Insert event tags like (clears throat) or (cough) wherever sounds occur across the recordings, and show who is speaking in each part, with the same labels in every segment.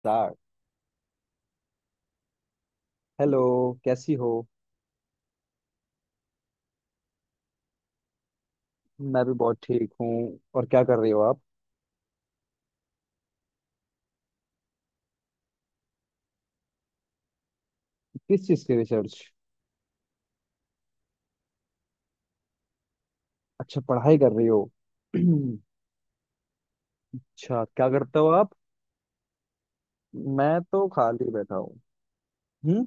Speaker 1: Start. Hello. कैसी हो? मैं भी बहुत ठीक हूँ। और क्या कर रही हो आप? किस चीज़ की रिसर्च? अच्छा, पढ़ाई कर रही हो। (clears throat) अच्छा। क्या करते हो आप? मैं तो खाली बैठा हूँ। हम्म।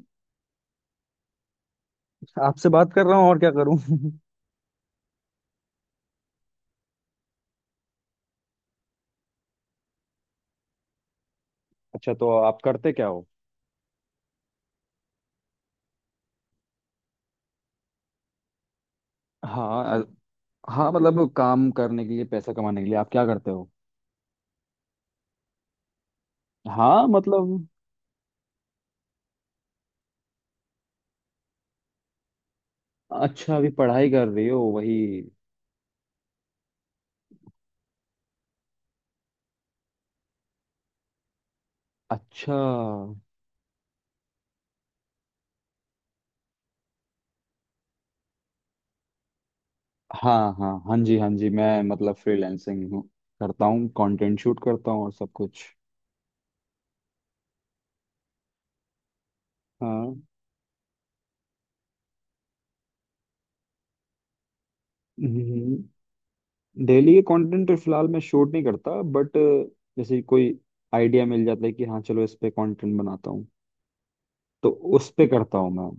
Speaker 1: आपसे बात कर रहा हूँ और क्या करूँ? (laughs) अच्छा, तो आप करते क्या हो? हाँ। हाँ, मतलब काम करने के लिए, पैसा कमाने के लिए आप क्या करते हो? हाँ, मतलब। अच्छा, अभी पढ़ाई कर रही हो वही। अच्छा। हाँ हाँ हाँ जी, हाँ जी। मैं मतलब फ्रीलैंसिंग हूँ, करता हूँ, कंटेंट शूट करता हूँ और सब कुछ। हाँ। डेली के कंटेंट तो फिलहाल मैं शूट नहीं करता, बट जैसे कोई आइडिया मिल जाता है कि हाँ चलो इस पे कंटेंट बनाता हूँ, तो उस पे करता हूँ मैं।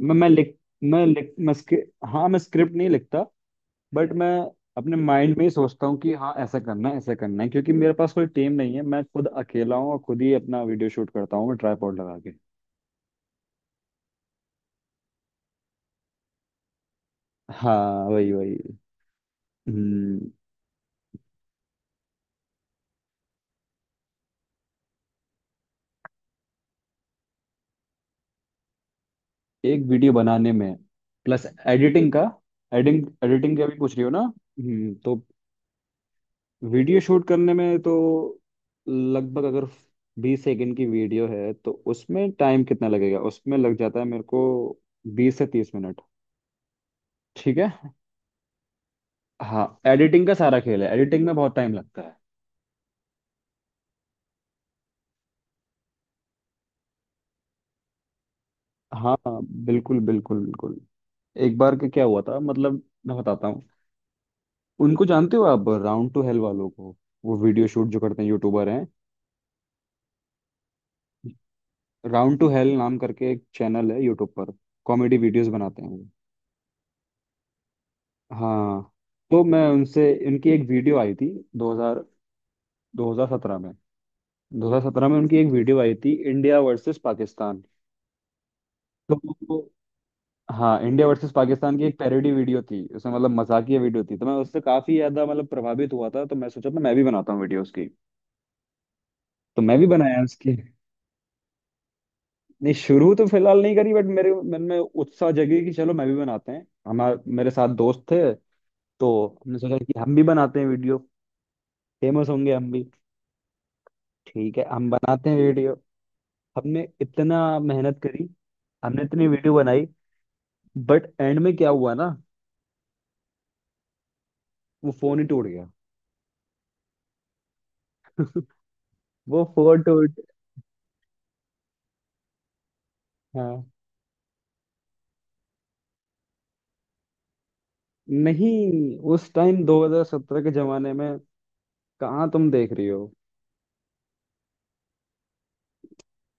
Speaker 1: मैं लिख मैं लिख मैं स्क्रिप्ट हाँ, मैं स्क्रिप्ट नहीं लिखता, बट मैं अपने माइंड में ही सोचता हूँ कि हाँ ऐसा करना है, ऐसा करना है, क्योंकि मेरे पास कोई टीम नहीं है, मैं खुद अकेला हूँ और खुद ही अपना वीडियो शूट करता हूँ मैं, ट्राईपॉड लगा के। हाँ, वही वही। हम्म। एक वीडियो बनाने में, प्लस एडिटिंग का। एडिटिंग एडिटिंग का भी पूछ रही हो ना? हम्म, तो वीडियो शूट करने में तो लगभग, अगर 20 सेकंड की वीडियो है तो उसमें टाइम कितना लगेगा, उसमें लग जाता है मेरे को 20 से 30 मिनट। ठीक है। हाँ। एडिटिंग का सारा खेल है, एडिटिंग में बहुत टाइम लगता है। हाँ हाँ, बिल्कुल बिल्कुल बिल्कुल। एक बार का क्या हुआ था मतलब, मैं बताता हूँ। उनको जानते हो आप, राउंड टू हेल वालों को? वो वीडियो शूट जो करते हैं, यूट्यूबर हैं। राउंड टू हेल नाम करके एक चैनल है यूट्यूब पर। कॉमेडी वीडियोस बनाते हैं वो। हाँ, तो मैं उनसे उनकी एक वीडियो आई थी 2000 2017 में। 2017 में उनकी एक वीडियो आई थी, इंडिया वर्सेस पाकिस्तान। तो वो- हाँ, इंडिया वर्सेस पाकिस्तान की एक पैरोडी वीडियो थी उसमें, मतलब मजाकिया वीडियो थी, तो मैं उससे काफी ज्यादा मतलब प्रभावित हुआ था। तो मैं सोचा था मैं भी बनाता हूँ वीडियो उसकी, तो मैं भी बनाया उसकी। नहीं, शुरू तो फिलहाल नहीं करी, बट मेरे मन में उत्साह जगी कि चलो मैं भी बनाते हैं, हमारे मेरे साथ दोस्त थे, तो हमने सोचा कि हम भी बनाते हैं वीडियो, फेमस होंगे हम भी। ठीक है, हम बनाते हैं वीडियो। हमने इतना मेहनत करी, हमने इतनी वीडियो बनाई, बट एंड में क्या हुआ ना, वो फोन ही टूट गया। (laughs) वो फोन टूट। हाँ, नहीं, उस टाइम 2017 के जमाने में कहाँ? तुम देख रही हो?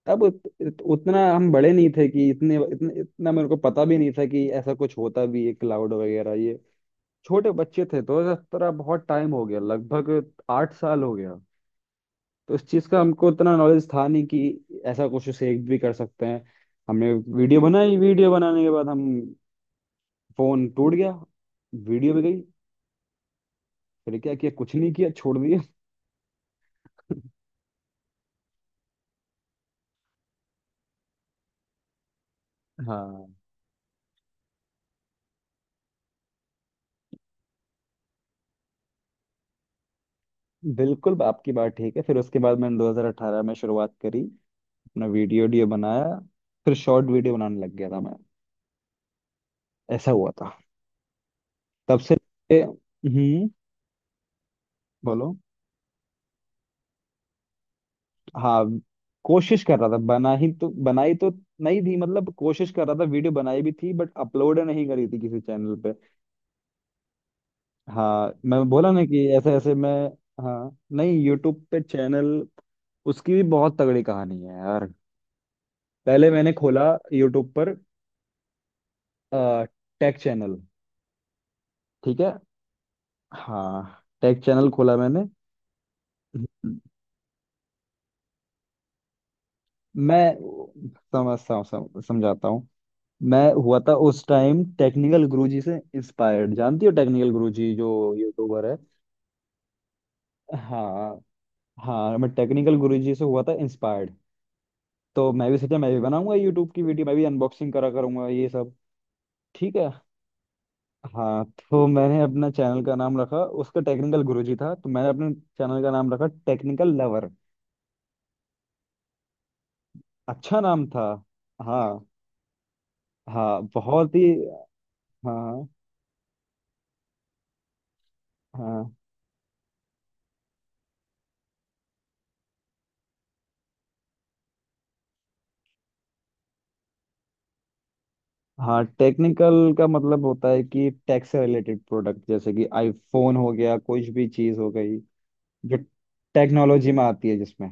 Speaker 1: तब उतना हम बड़े नहीं थे कि इतने इतने इतना मेरे को पता भी नहीं था कि ऐसा कुछ होता भी है, क्लाउड वगैरह ये। छोटे बच्चे थे, 2017 बहुत टाइम हो गया, लगभग 8 साल हो गया। तो इस चीज का हमको इतना नॉलेज था नहीं कि ऐसा कुछ सेव भी कर सकते हैं। हमने वीडियो बनाई, वीडियो बनाने के बाद हम, फोन टूट गया, वीडियो भी गई। फिर क्या किया? कुछ नहीं किया, छोड़ दिया। हाँ, बिल्कुल आपकी बात ठीक है। फिर उसके बाद मैंने 2018 में शुरुआत करी। अपना वीडियो वीडियो बनाया, फिर शॉर्ट वीडियो बनाने लग गया था मैं, ऐसा हुआ था। तब से। हम्म। बोलो। हाँ, कोशिश कर रहा था, बना ही तो बनाई तो नहीं थी, मतलब कोशिश कर रहा था, वीडियो बनाई भी थी बट अपलोड नहीं करी थी किसी चैनल पे। हाँ, मैं बोला ना कि ऐसे ऐसे मैं। हाँ, नहीं, यूट्यूब पे चैनल। उसकी भी बहुत तगड़ी कहानी है यार। पहले मैंने खोला यूट्यूब पर टेक चैनल। ठीक है। हाँ, टेक चैनल खोला मैंने। मैं समझाता हूँ। मैं हुआ था उस टाइम टेक्निकल गुरुजी से इंस्पायर्ड, जानती हो टेक्निकल गुरुजी जो यूट्यूबर है? हाँ हाँ। मैं टेक्निकल गुरुजी से हुआ था इंस्पायर्ड, तो मैं भी सोचा मैं भी बनाऊंगा यूट्यूब की वीडियो, मैं भी अनबॉक्सिंग करा करूंगा ये सब। ठीक है। हाँ, तो मैंने अपना चैनल का नाम रखा, उसका टेक्निकल गुरुजी था तो मैंने अपने चैनल का नाम रखा टेक्निकल लवर। अच्छा नाम था। हाँ हाँ, बहुत ही। हाँ हाँ हाँ, टेक्निकल का मतलब होता है कि टेक से रिलेटेड प्रोडक्ट, जैसे कि आईफोन हो गया, कुछ भी चीज हो गई जो टेक्नोलॉजी में आती है, जिसमें।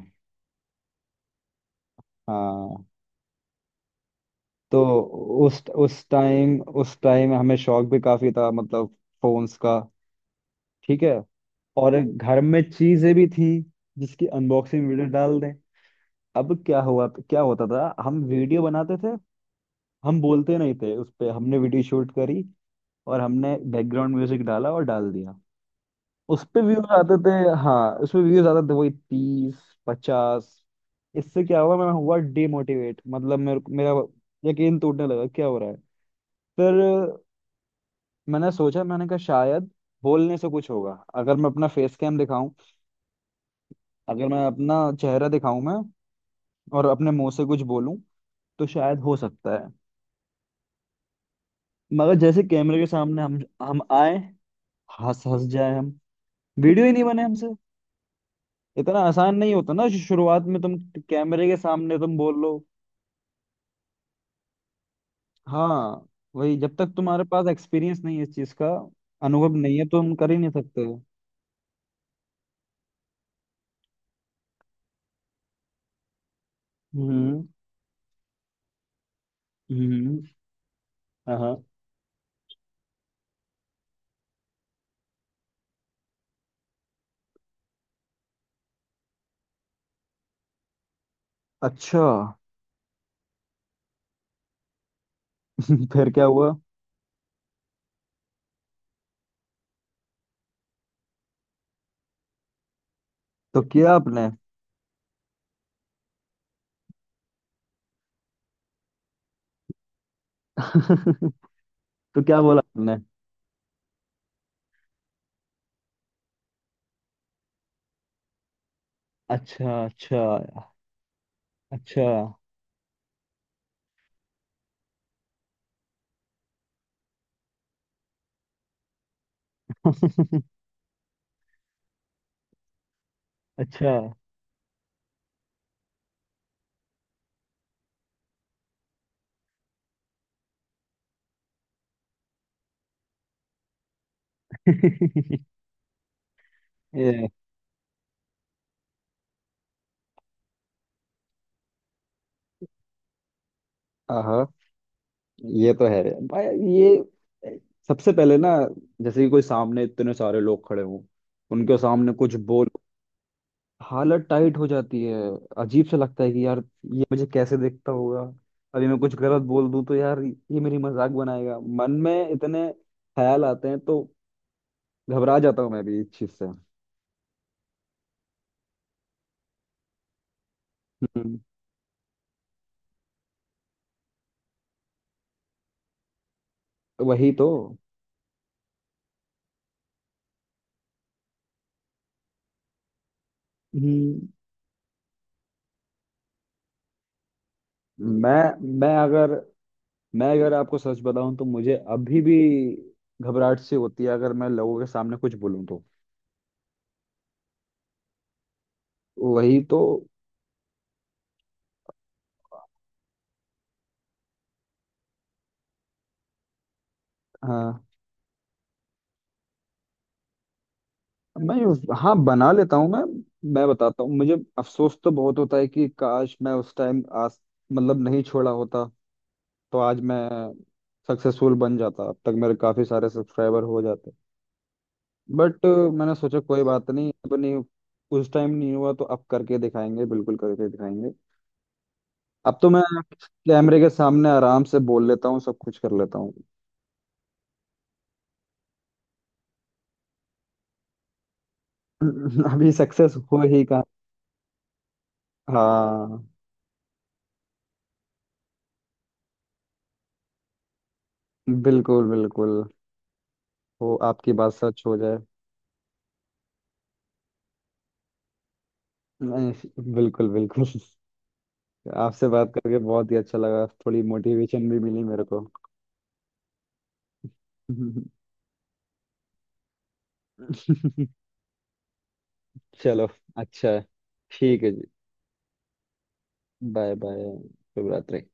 Speaker 1: हाँ, तो उस टाइम हमें शौक भी काफी था, मतलब फोन्स का। ठीक है। और घर में चीजें भी थी जिसकी अनबॉक्सिंग वीडियो डाल दें। अब क्या हुआ, क्या होता था, हम वीडियो बनाते थे। हम बोलते नहीं थे उस पे, हमने वीडियो शूट करी और हमने बैकग्राउंड म्यूजिक डाला और डाल दिया। उस पे व्यूज आते थे। हाँ, उस पे व्यूज आते थे वही, 30, 50। इससे क्या हुआ, मैं हुआ डिमोटिवेट, मतलब मेरा यकीन टूटने लगा, क्या हो रहा है। फिर मैंने सोचा, मैंने कहा शायद बोलने से कुछ होगा, अगर मैं अपना फेस कैम दिखाऊं, अगर मैं अपना चेहरा दिखाऊं मैं, और अपने मुंह से कुछ बोलूं, तो शायद हो सकता है। मगर जैसे कैमरे के सामने हम आए, हंस हंस जाए हम, वीडियो ही नहीं बने हमसे। इतना आसान नहीं होता ना शुरुआत में तुम, कैमरे के सामने तुम बोल लो। हाँ, वही, जब तक तुम्हारे पास एक्सपीरियंस नहीं है इस चीज का, अनुभव नहीं है तो हम कर ही नहीं सकते हो। हम्म हम्म। हाँ हाँ। अच्छा। (laughs) फिर क्या हुआ? तो किया आपने? (laughs) तो क्या बोला आपने? अच्छा अच्छा अच्छा। (laughs) अच्छा। (laughs) ये, हाँ, ये तो है भाई। ये सबसे पहले ना, जैसे कि कोई सामने इतने सारे लोग खड़े हों, उनके सामने कुछ बोल, हालत टाइट हो जाती है। अजीब सा लगता है कि यार, ये मुझे कैसे देखता होगा, अभी मैं कुछ गलत बोल दूं तो यार ये मेरी मजाक बनाएगा, मन में इतने ख्याल आते हैं, तो घबरा जाता हूँ मैं भी इस चीज से। हम्म, वही तो। हम्म। मैं मैं अगर मैं अगर आपको सच बताऊं तो मुझे अभी भी घबराहट सी होती है, अगर मैं लोगों के सामने कुछ बोलूं तो। वही तो। हाँ, मैं हाँ बना लेता हूँ मैं। मैं बताता हूँ, मुझे अफसोस तो बहुत होता है कि काश मैं उस टाइम आज, मतलब नहीं छोड़ा होता, तो आज मैं सक्सेसफुल बन जाता, अब तक मेरे काफी सारे सब्सक्राइबर हो जाते। बट मैंने सोचा कोई बात नहीं, अब नहीं, उस टाइम नहीं हुआ तो अब करके दिखाएंगे, बिल्कुल करके दिखाएंगे। अब तो मैं कैमरे के सामने आराम से बोल लेता हूँ, सब कुछ कर लेता हूँ। (laughs) अभी सक्सेस हो ही कहा? हाँ, बिल्कुल बिल्कुल, वो आपकी बात सच हो जाए। नहीं, बिल्कुल बिल्कुल। आपसे बात करके बहुत ही अच्छा लगा, थोड़ी मोटिवेशन भी मिली मेरे को। (laughs) चलो, अच्छा है। ठीक है जी। Bye bye. शुभ रात्रि।